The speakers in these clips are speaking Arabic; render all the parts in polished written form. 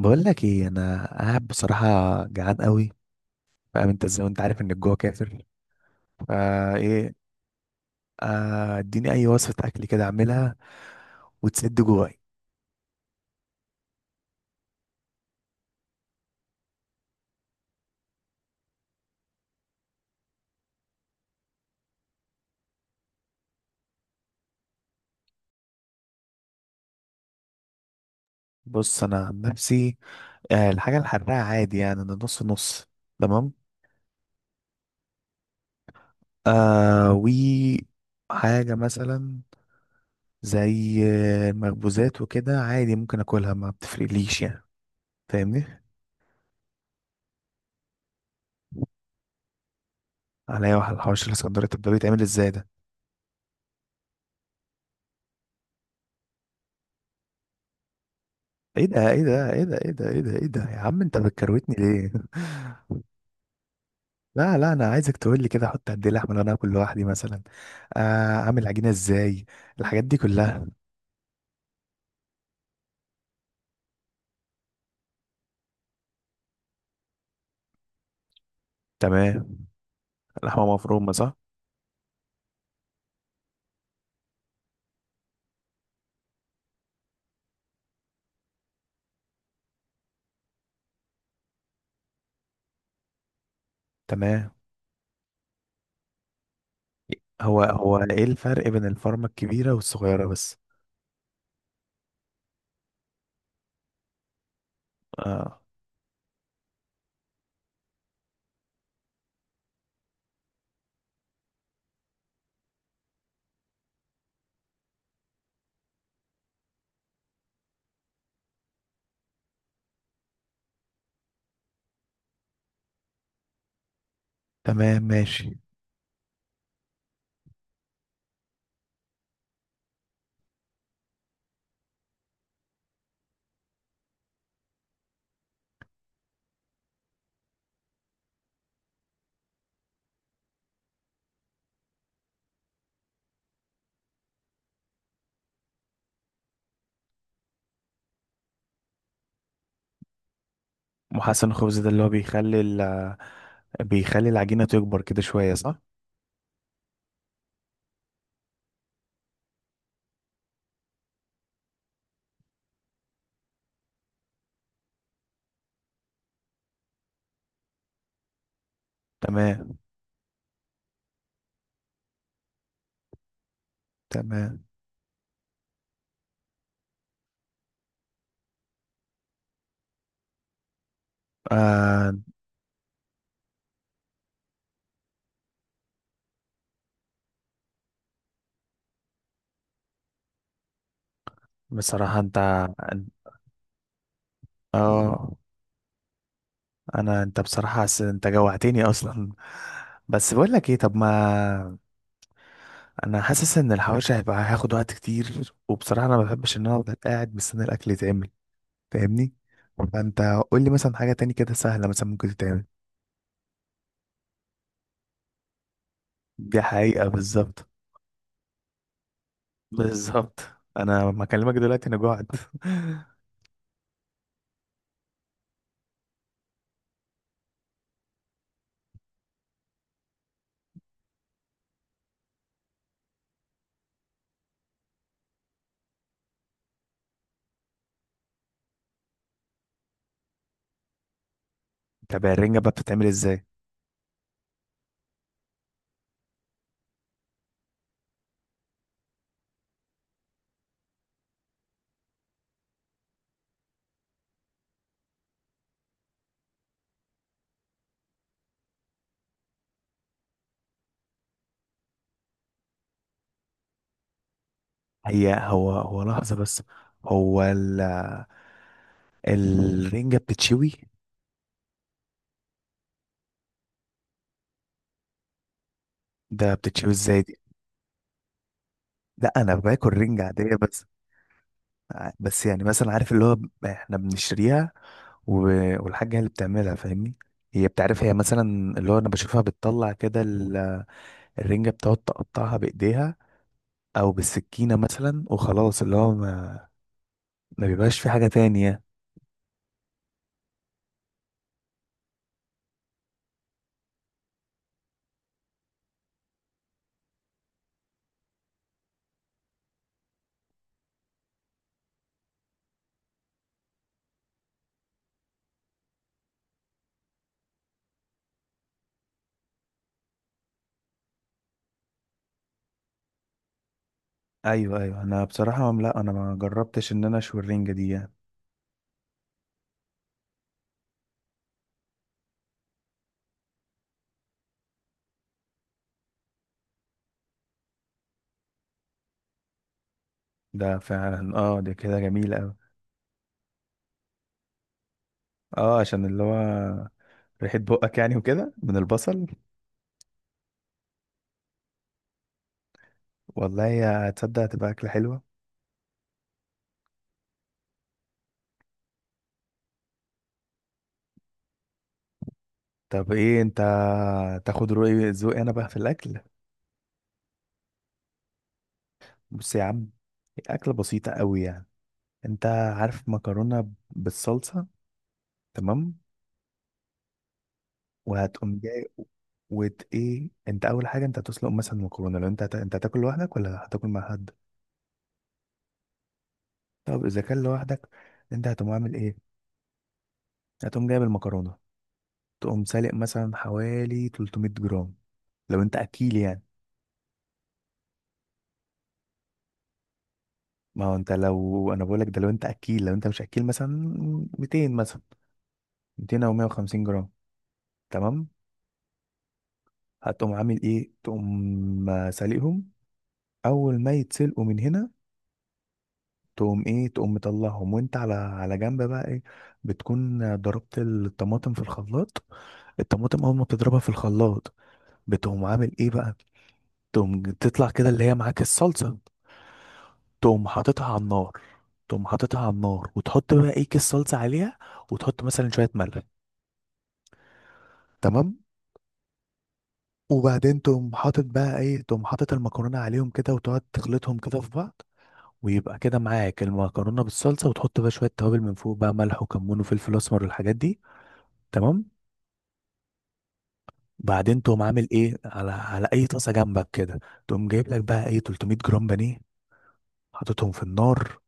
بقول لك ايه، انا قاعد بصراحه جعان قوي. فاهم انت ازاي وانت عارف ان الجوع كافر؟ فا ايه؟ اديني اي وصفه اكل كده اعملها وتسد جواي. بص، انا عن نفسي الحاجه الحراقه عادي، يعني انا نص نص. تمام. آه و حاجه مثلا زي المخبوزات وكده عادي، ممكن اكلها، ما بتفرقليش يعني. فاهمني؟ عليا واحد الحوش الاسكندريه، طب ده بيتعمل ازاي ده؟ ايه ده ايه ده ايه ده ايه ده ايه ده ايه ده، يا عم انت بتكروتني ليه؟ لا لا، انا عايزك تقول لي كده احط قد ايه لحمه لو انا اكل لوحدي مثلا. آه، اعمل عجينه ازاي؟ الحاجات دي كلها. تمام. لحمه مفرومه صح؟ تمام. هو ايه الفرق بين الفرمه الكبيره والصغيره بس؟ اه. تمام ماشي. محسن الخبز ده اللي هو بيخلي بيخلي العجينه تكبر كده شويه صح؟ تمام. تمام. آه بصراحه انت، اه، انت بصراحه انت جوعتني اصلا. بس بقول لك ايه، طب ما انا حاسس ان الحواوشي هيبقى هياخد وقت كتير، وبصراحه انا ما بحبش ان انا افضل قاعد مستني الاكل يتعمل. فاهمني؟ فانت قول لي مثلا حاجه تاني كده سهله مثلا ممكن تتعمل. دي حقيقه بالظبط. بالظبط. انا ما اكلمك دلوقتي، انا جوعت. طب الرنجه بقى بتتعمل ازاي؟ هي هو هو لحظه بس. هو الرنجه بتتشوي؟ ده بتتشوي ازاي دي؟ لا، انا باكل رنجه عاديه بس. بس يعني مثلا عارف اللي هو احنا بنشتريها والحاجة هي اللي بتعملها، فاهمني؟ هي بتعرف، هي مثلا، اللي هو انا بشوفها بتطلع كده الرنجة بتقعد تقطعها بايديها او بالسكينة مثلا، وخلاص اللي هو ما بيبقاش في حاجة تانية. ايوه ايوه، انا بصراحة لا، انا ما جربتش ان انا اشوي الرنجة دي يعني. ده فعلا، اه، ده كده جميل اوي. اه، عشان اللي هو ريحة بقك يعني وكده من البصل. والله يا تصدق هتبقى أكلة حلوة. طب ايه انت، تاخد رأي ذوقي انا بقى في الاكل؟ بص يا عم، اكله بسيطه قوي يعني. انت عارف مكرونه بالصلصه؟ تمام. وهتقوم جاي، ايه انت، اول حاجه انت هتسلق مثلا مكرونه، لو انت انت هتاكل لوحدك ولا هتاكل مع حد؟ طب اذا كان لوحدك، انت هتقوم عامل ايه؟ هتقوم جايب المكرونه، تقوم سالق مثلا حوالي 300 جرام، لو انت اكيل يعني. ما هو انت، لو انا بقول لك ده لو انت اكيل، لو انت مش اكيل مثلا 200 مثلا، 200 او 150 جرام. تمام. هتقوم عامل ايه؟ تقوم سالقهم. اول ما يتسلقوا من هنا، تقوم ايه؟ تقوم مطلعهم، وانت على على جنب بقى ايه؟ بتكون ضربت الطماطم في الخلاط. الطماطم اول ما بتضربها في الخلاط، بتقوم عامل ايه بقى؟ تقوم تطلع كده اللي هي معاك الصلصة، تقوم حاططها على النار. تقوم حاططها على النار وتحط بقى ايه؟ كيس صلصة عليها، وتحط مثلا شوية ملح. تمام. وبعدين تقوم حاطط بقى ايه؟ تقوم حاطط المكرونة عليهم كده وتقعد تخلطهم كده في بعض، ويبقى كده معاك المكرونه بالصلصه. وتحط بقى شويه توابل من فوق، بقى ملح وكمون وفلفل اسمر والحاجات دي. تمام. بعدين تقوم عامل ايه؟ على على اي طاسه جنبك كده، تقوم جايب لك بقى ايه؟ 300 جرام بانيه، حاططهم في النار.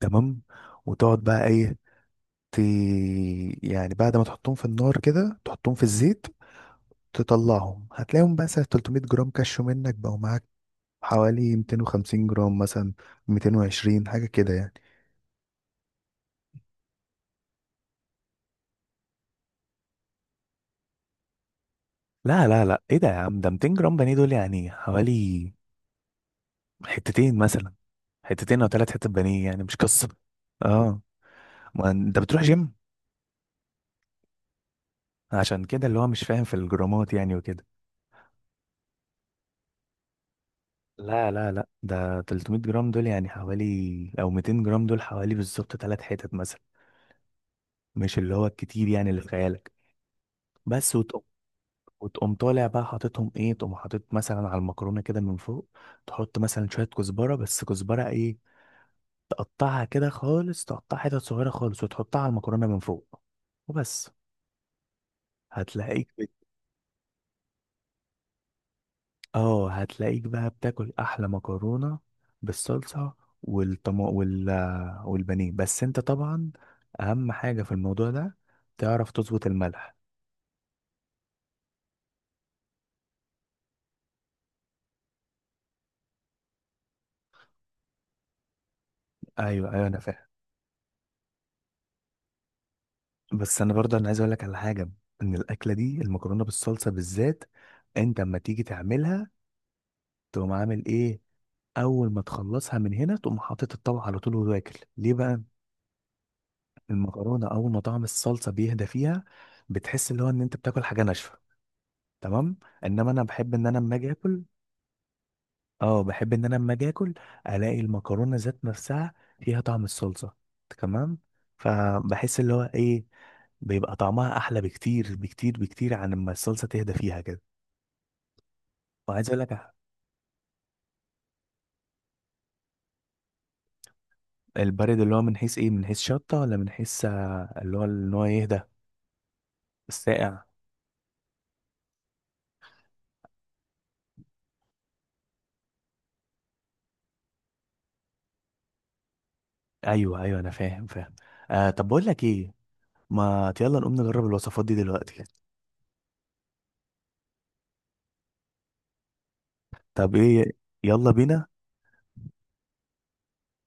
تمام. وتقعد بقى ايه؟ ت... يعني بعد ما تحطهم في النار كده، تحطهم في الزيت، تطلعهم هتلاقيهم بس 300 جرام كشوا منك، بقوا معاك حوالي 250 جرام مثلا، 220 حاجه كده يعني. لا لا لا، ايه ده يا عم؟ ده 200 جرام بانيه دول يعني حوالي حتتين مثلا. حتتين او ثلاث حتت بانيه يعني، مش قصه. اه، ما انت بتروح جيم. عشان كده اللي هو مش فاهم في الجرامات يعني وكده. لا لا لا، ده 300 جرام دول يعني حوالي، او 200 جرام دول حوالي بالظبط ثلاث حتت مثلا، مش اللي هو الكتير يعني اللي في خيالك. بس وتقوم. وتقوم طالع بقى حاططهم ايه؟ تقوم حاطط مثلا على المكرونه كده من فوق، تحط مثلا شويه كزبره، بس كزبره ايه؟ تقطعها كده خالص، تقطعها حتت صغيره خالص وتحطها على المكرونه من فوق، وبس. هتلاقيك اه هتلاقيك بقى بتاكل احلى مكرونه بالصلصه والطم... وال... والبانيه. بس انت طبعا، اهم حاجه في الموضوع ده، تعرف تظبط الملح. ايوه ايوه انا فاهم. بس انا برضه عايز اقول لك على حاجه، ان الاكله دي المكرونه بالصلصه بالذات، انت اما تيجي تعملها، تقوم عامل ايه؟ اول ما تخلصها من هنا، تقوم حاطط الطبق على طول وتاكل. ليه بقى؟ المكرونه اول ما طعم الصلصه بيهدى فيها، بتحس اللي هو ان انت بتاكل حاجه ناشفه. تمام. انما انا بحب ان انا اما اجي اكل، اه، بحب ان انا اما اجي اكل الاقي المكرونه ذات نفسها فيها طعم الصلصه. تمام. فبحس اللي هو ايه؟ بيبقى طعمها احلى بكتير بكتير بكتير عن لما الصلصه تهدى فيها كده. وعايز اقول لك، البارد اللي هو من حيث ايه؟ من حيث شطه، ولا من حيث اللي هو ان هو يهدى؟ الساقع. ايوه ايوه، انا فاهم فاهم. طب بقول لك ايه، ما يلا نقوم نجرب الوصفات دي دلوقتي. طب ايه؟ يلا بينا.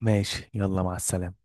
ماشي، يلا مع السلامه.